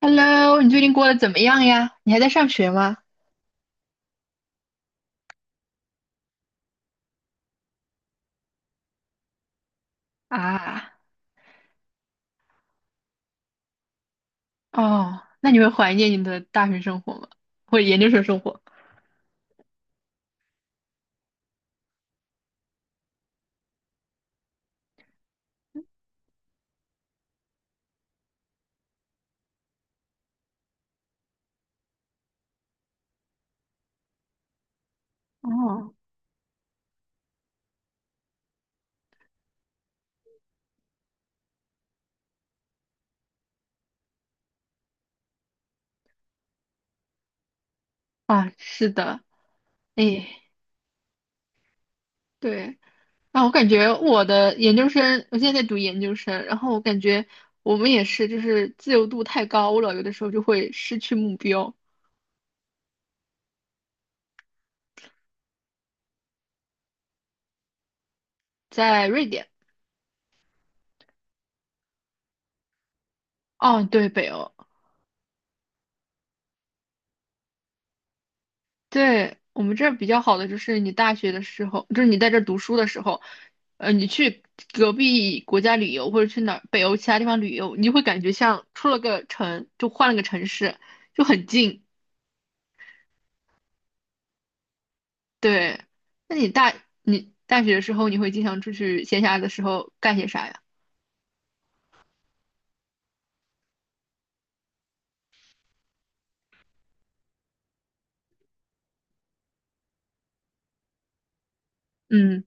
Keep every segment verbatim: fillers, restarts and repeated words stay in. Hello，你最近过得怎么样呀？你还在上学吗？啊。哦，那你会怀念你的大学生活吗？或者研究生生活？哦。啊，是的。哎。对。啊，我感觉我的研究生，我现在在读研究生，然后我感觉我们也是，就是自由度太高了，有的时候就会失去目标。在瑞典。哦，对，北欧。对，我们这儿比较好的就是你大学的时候，就是你在这儿读书的时候，呃，你去隔壁国家旅游或者去哪儿北欧其他地方旅游，你就会感觉像出了个城，就换了个城市，就很近。对，那你大你大学的时候，你会经常出去闲暇的时候干些啥呀？嗯。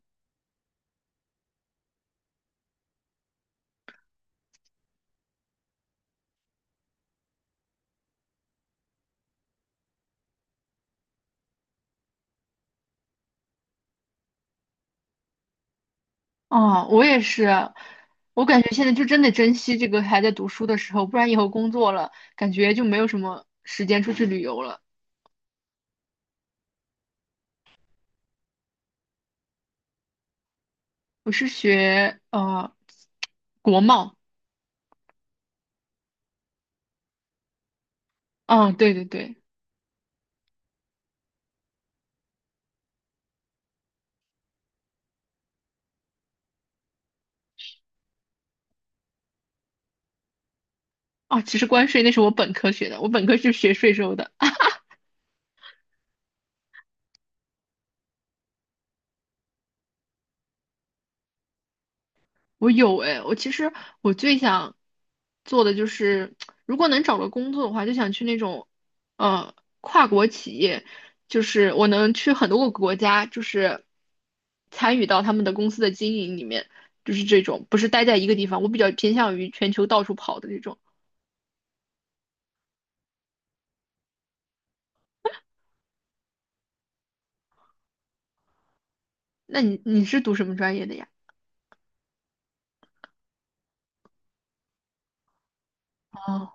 哦，我也是，我感觉现在就真的珍惜这个还在读书的时候，不然以后工作了，感觉就没有什么时间出去旅游了。我是学呃国贸。啊，对对对。啊，其实关税那是我本科学的，我本科是学税收的。我有诶，我其实我最想做的就是，如果能找个工作的话，就想去那种呃跨国企业，就是我能去很多个国家，就是参与到他们的公司的经营里面，就是这种，不是待在一个地方。我比较偏向于全球到处跑的这种。那你你是读什么专业的呀？哦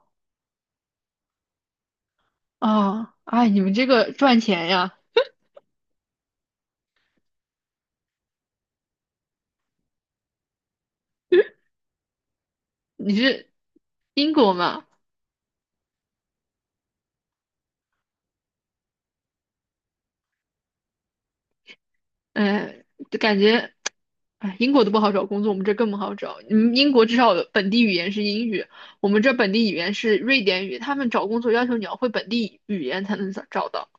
哦。哎，你们这个赚钱呀？你是英国嘛？嗯、就感觉哎，英国都不好找工作，我们这更不好找。你们英国至少有本地语言是英语，我们这本地语言是瑞典语，他们找工作要求你要会本地语言才能找找到。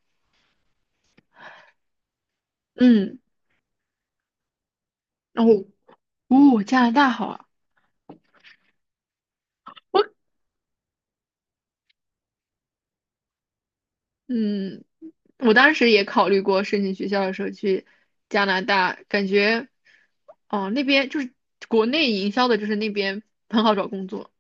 嗯，然后哦，加拿大好啊。我嗯，我当时也考虑过申请学校的时候去加拿大，感觉哦那边就是国内营销的，就是那边很好找工作。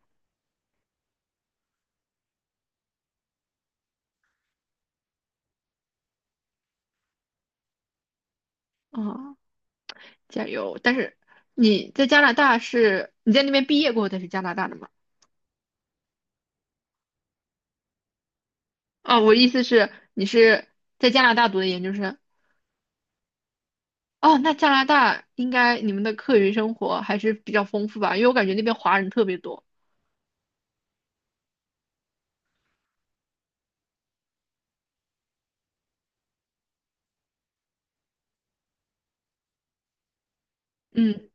啊。加油！但是你在加拿大是你在那边毕业过后才是加拿大的吗？哦，我意思是你是在加拿大读的研究生。哦，那加拿大应该你们的课余生活还是比较丰富吧？因为我感觉那边华人特别多。嗯。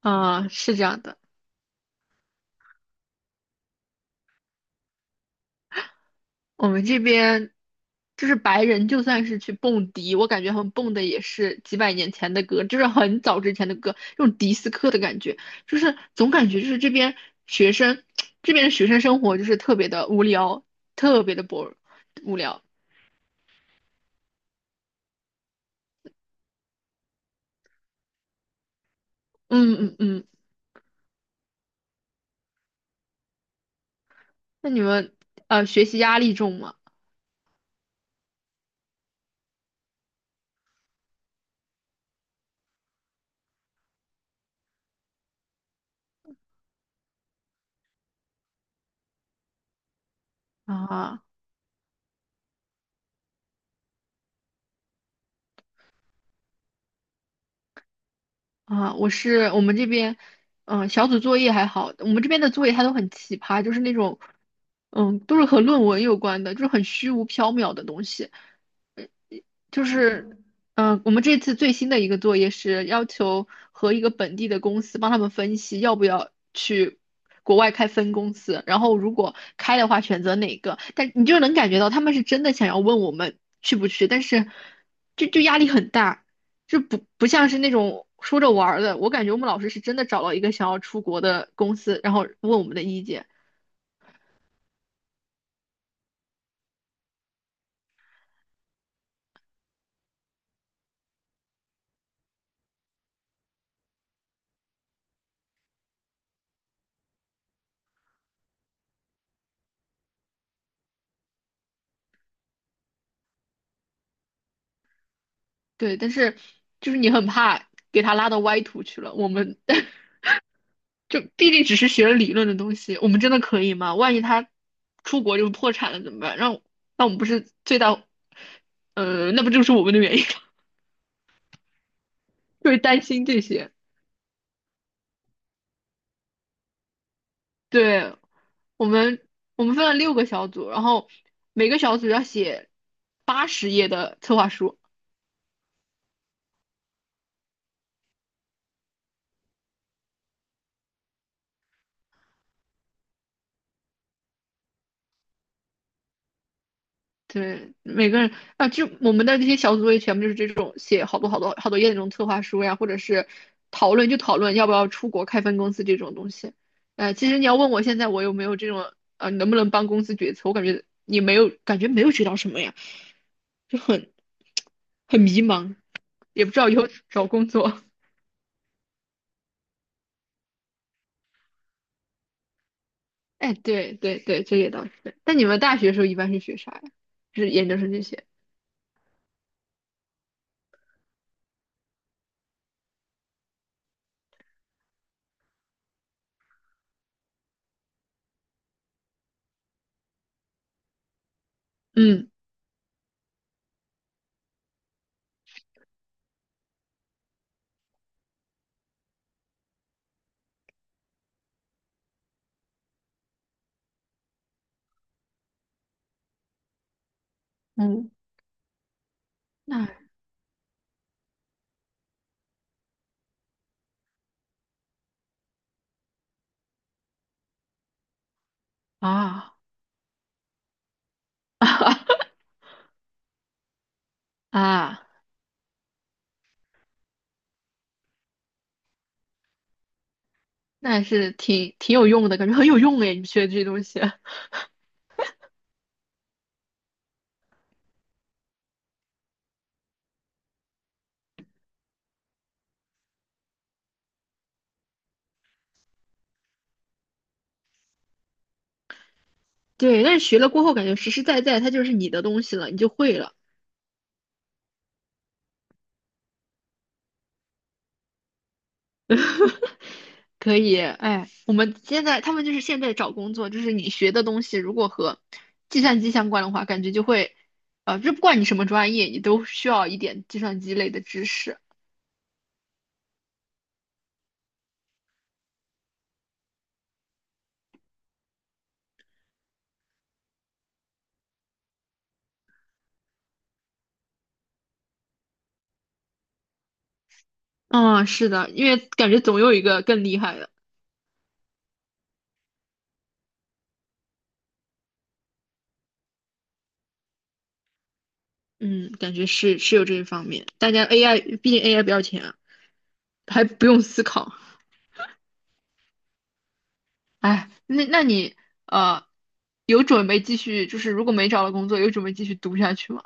啊、是这样的。我们这边就是白人，就算是去蹦迪，我感觉他们蹦的也是几百年前的歌，就是很早之前的歌，那种迪斯科的感觉，就是总感觉就是这边学生，这边的学生生活就是特别的无聊，特别的 b 无聊。嗯嗯嗯。那你们呃学习压力重吗？啊。啊，我是我们这边，嗯、小组作业还好，我们这边的作业它都很奇葩，就是那种，嗯，都是和论文有关的，就是很虚无缥缈的东西。就是，嗯、我们这次最新的一个作业是要求和一个本地的公司帮他们分析要不要去国外开分公司，然后如果开的话选择哪个。但你就能感觉到他们是真的想要问我们去不去，但是就就压力很大，就不不像是那种说着玩儿的。我感觉我们老师是真的找到一个想要出国的公司，然后问我们的意见。对，但是就是你很怕给他拉到歪途去了，我们。就毕竟只是学了理论的东西，我们真的可以吗？万一他出国就破产了怎么办？让那我们不是最大，呃，那不就是我们的原因吗？就是担心这些。对，我们我们分了六个小组，然后每个小组要写八十页的策划书。对，每个人啊，就我们的这些小组作业全部就是这种写好多好多好多页那种策划书呀，或者是讨论就讨论要不要出国开分公司这种东西。呃，其实你要问我现在我有没有这种啊，能不能帮公司决策，我感觉你没有，感觉没有学到什么呀，就很很迷茫，也不知道以后找工作。哎，对对对，这也倒是。但你们大学的时候一般是学啥呀？就是研究生这些？嗯嗯。那啊啊。那还是挺挺有用的，感觉很有用哎，你学的这些东西。对，但是学了过后，感觉实实在在它就是你的东西了，你就会了。可以。哎，我们现在他们就是现在找工作，就是你学的东西如果和计算机相关的话，感觉就会，呃，就不管你什么专业，你都需要一点计算机类的知识。嗯，是的，因为感觉总有一个更厉害的。嗯，感觉是是有这一方面。大家 A I，毕竟 A I 不要钱啊还不用思考。哎，那那你呃，有准备继续，就是如果没找到工作，有准备继续读下去吗？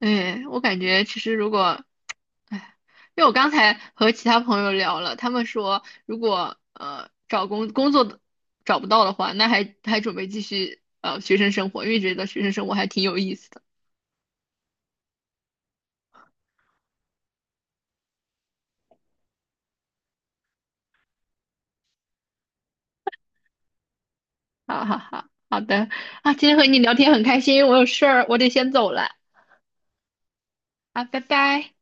哎，我感觉其实如果，哎，因为我刚才和其他朋友聊了，他们说如果呃找工工作的找不到的话，那还还准备继续呃学生生活，因为觉得学生生活还挺有意思的。哈哈哈，好的啊，今天和你聊天很开心，我有事儿，我得先走了啊，拜拜。